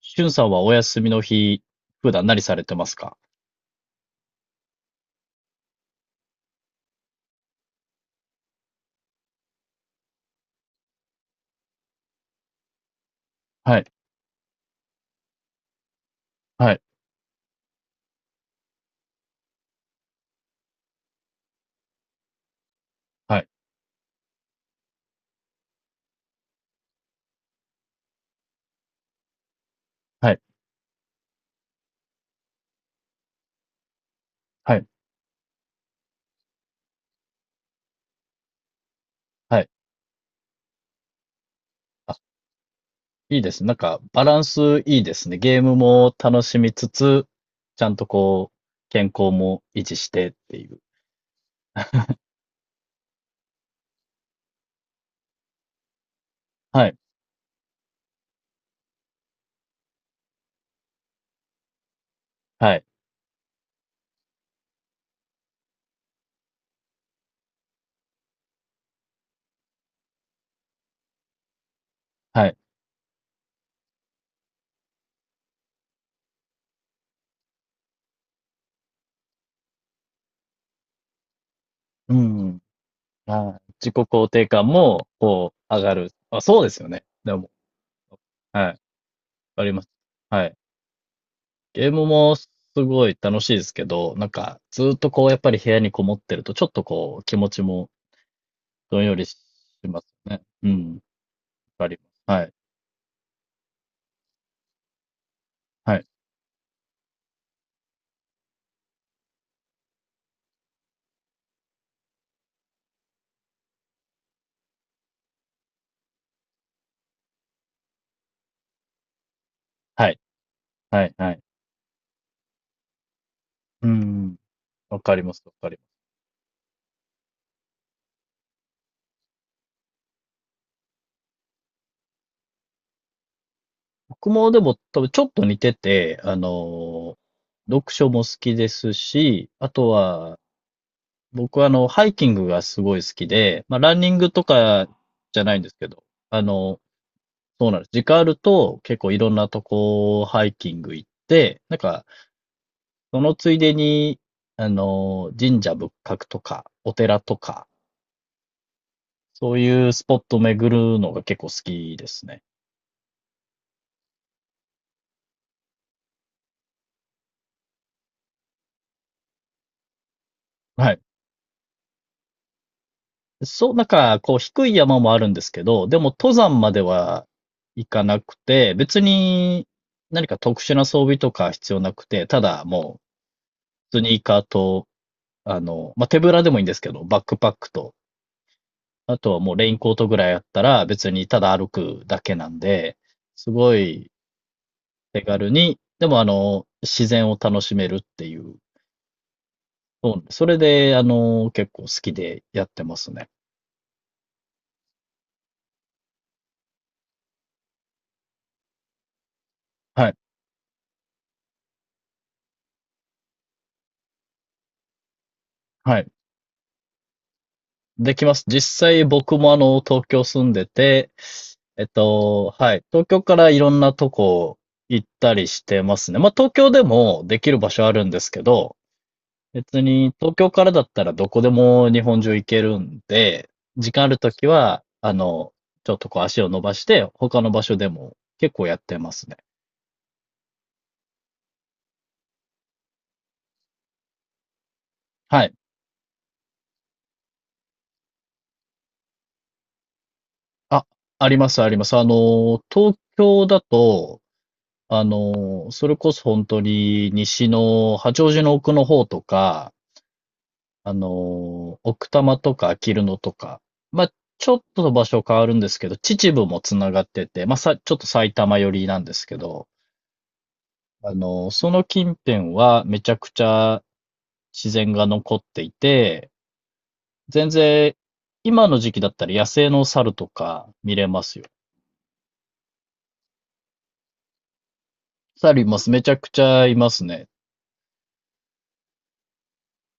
しゅんさんはお休みの日、普段何されてますか？はい、はい、はい、はい、はい、はい。あ、いいですね。なんか、バランスいいですね。ゲームも楽しみつつ、ちゃんとこう、健康も維持してっていう。はい、はい、はい。うん。はい。自己肯定感も、こう、上がる。あ、そうですよね。でも、はい。あります。はい。ゲームもすごい楽しいですけど、なんか、ずっとこう、やっぱり部屋にこもってると、ちょっとこう、気持ちもどんよりしますね。うん、わかります。はい。はい。はい。はい。はい。うん。わかります。わかります。僕もでも多分ちょっと似てて、読書も好きですし、あとは、僕はハイキングがすごい好きで、まあ、ランニングとかじゃないんですけど、あの、そうなんです。時間あると結構いろんなとこハイキング行って、なんか、そのついでに、神社仏閣とか、お寺とか、そういうスポットを巡るのが結構好きですね。はい。そう、なんか、こう、低い山もあるんですけど、でも登山までは行かなくて、別に何か特殊な装備とか必要なくて、ただもう、スニーカーと、まあ、手ぶらでもいいんですけど、バックパックと、あとはもうレインコートぐらいあったら、別にただ歩くだけなんで、すごい手軽に、でも自然を楽しめるっていう、そうそれで、結構好きでやってますね。はい。はい。できます。実際僕も東京住んでて、えっと、はい。東京からいろんなとこ行ったりしてますね。まあ、東京でもできる場所あるんですけど、別に東京からだったらどこでも日本中行けるんで、時間あるときは、ちょっとこう足を伸ばして、他の場所でも結構やってますね。はい。あ、あります、あります。東京だと、それこそ本当に西の八王子の奥の方とか、奥多摩とかあきる野とか、まあ、ちょっと場所変わるんですけど、秩父もつながってて、まあ、ちょっと埼玉寄りなんですけど、その近辺はめちゃくちゃ自然が残っていて、全然今の時期だったら野生の猿とか見れますよ。猿います。めちゃくちゃいますね。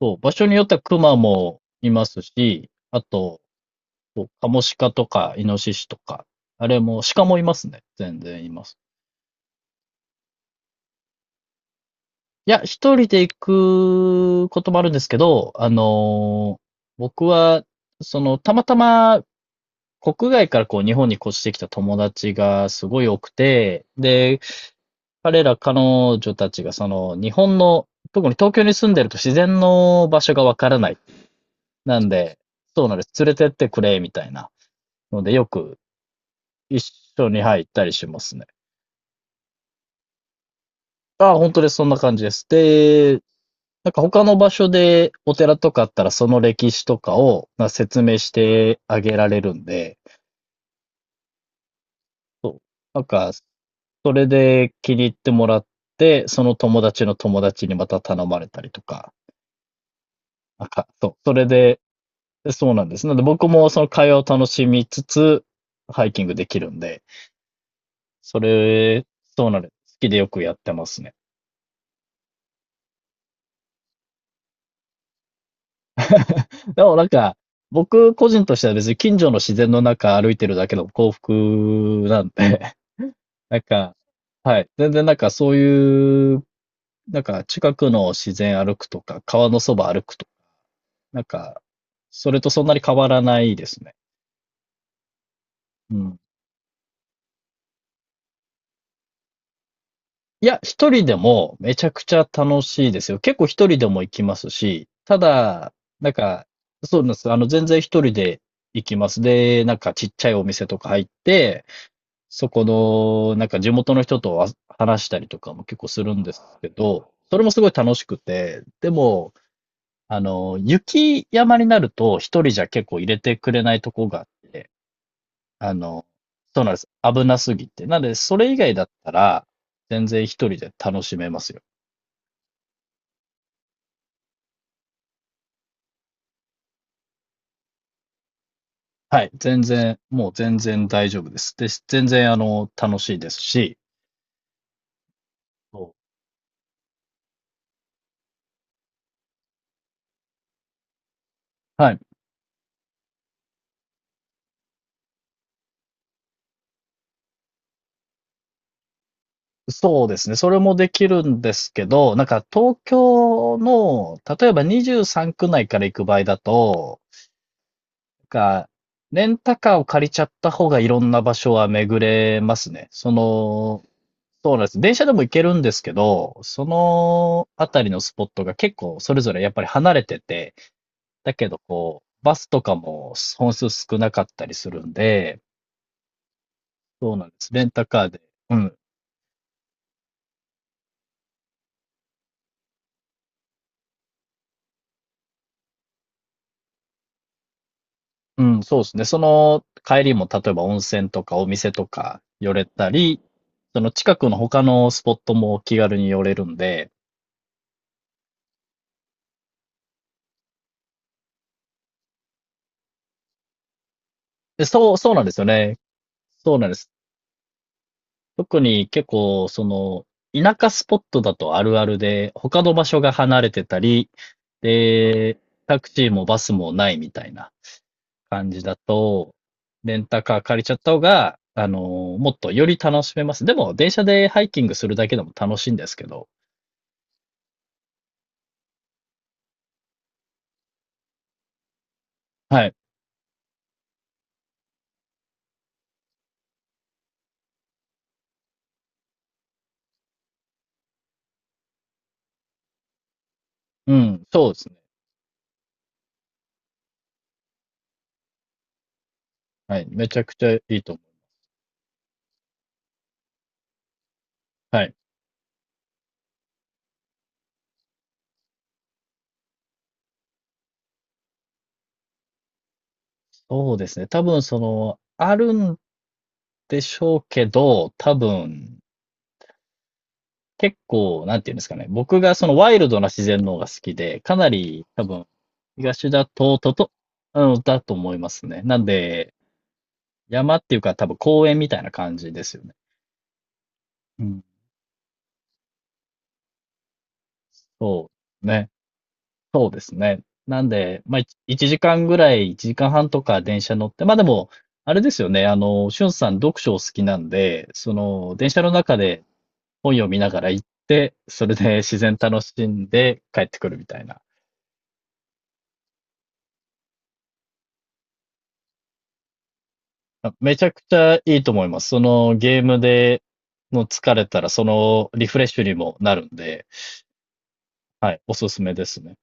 そう、場所によっては熊もいますし、あと、そう、カモシカとか、イノシシとか、あれも、鹿もいますね。全然います。いや、一人で行くこともあるんですけど、僕は、その、たまたま、国外からこう、日本に越してきた友達がすごい多くて、で、彼ら彼女たちがその、日本の、特に東京に住んでると自然の場所がわからない。なんで、そうなんです。連れてってくれ、みたいな。ので、よく一緒に、はい、行ったりしますね。あ、本当です。そんな感じです。で、なんか他の場所でお寺とかあったらその歴史とかをな説明してあげられるんで、なんかそれで気に入ってもらって、その友達の友達にまた頼まれたりとか、なんか、そう、それで、そうなんです。なので僕もその会話を楽しみつつ、ハイキングできるんで、それ、そうなんです。好きでよくやってますね。でもなんか、僕個人としては別に近所の自然の中歩いてるだけの幸福なんで、なんか、はい。全然なんかそういう、なんか近くの自然歩くとか、川のそば歩くとか、なんか、それとそんなに変わらないですね。うん。いや、一人でもめちゃくちゃ楽しいですよ。結構一人でも行きますし、ただ、なんか、そうなんです。全然一人で行きます。で、なんかちっちゃいお店とか入って、そこの、なんか地元の人とは話したりとかも結構するんですけど、それもすごい楽しくて、でも、雪山になると一人じゃ結構入れてくれないとこがあって、あの、そうなんです。危なすぎて。なので、それ以外だったら、全然一人で楽しめますよ。はい。全然、もう全然大丈夫です。で、全然、楽しいですし、そうはい。そうですね。それもできるんですけど、なんか東京の、例えば23区内から行く場合だと、なんか、レンタカーを借りちゃった方がいろんな場所は巡れますね。その、そうなんです。電車でも行けるんですけど、そのあたりのスポットが結構それぞれやっぱり離れてて、だけどこう、バスとかも本数少なかったりするんで、そうなんです。レンタカーで、うん、うん、そうですね。その帰りも例えば温泉とかお店とか寄れたり、その近くの他のスポットも気軽に寄れるんで、で、そう、そうなんですよね。そうなんです。特に結構、その、田舎スポットだとあるあるで、他の場所が離れてたり、で、タクシーもバスもないみたいな感じだと、レンタカー借りちゃった方が、もっとより楽しめます。でも、電車でハイキングするだけでも楽しいんですけど、はい。うん、そうですね。はい。めちゃくちゃいいと思う。はい。そうですね。多分その、あるんでしょうけど、多分、結構、なんていうんですかね。僕がそのワイルドな自然の方が好きで、かなり多分、東だと、うん、だと思いますね。なんで、山っていうか多分公園みたいな感じですよね。うん、そうね。そうですね。なんで、まあ、1時間ぐらい、1時間半とか電車乗って、まあ、でも、あれですよね、しゅんさん読書お好きなんで、その、電車の中で本読みながら行って、それで自然楽しんで帰ってくるみたいな。まあめちゃくちゃいいと思います。そのゲームでの疲れたら、そのリフレッシュにもなるんで、はい、おすすめですね。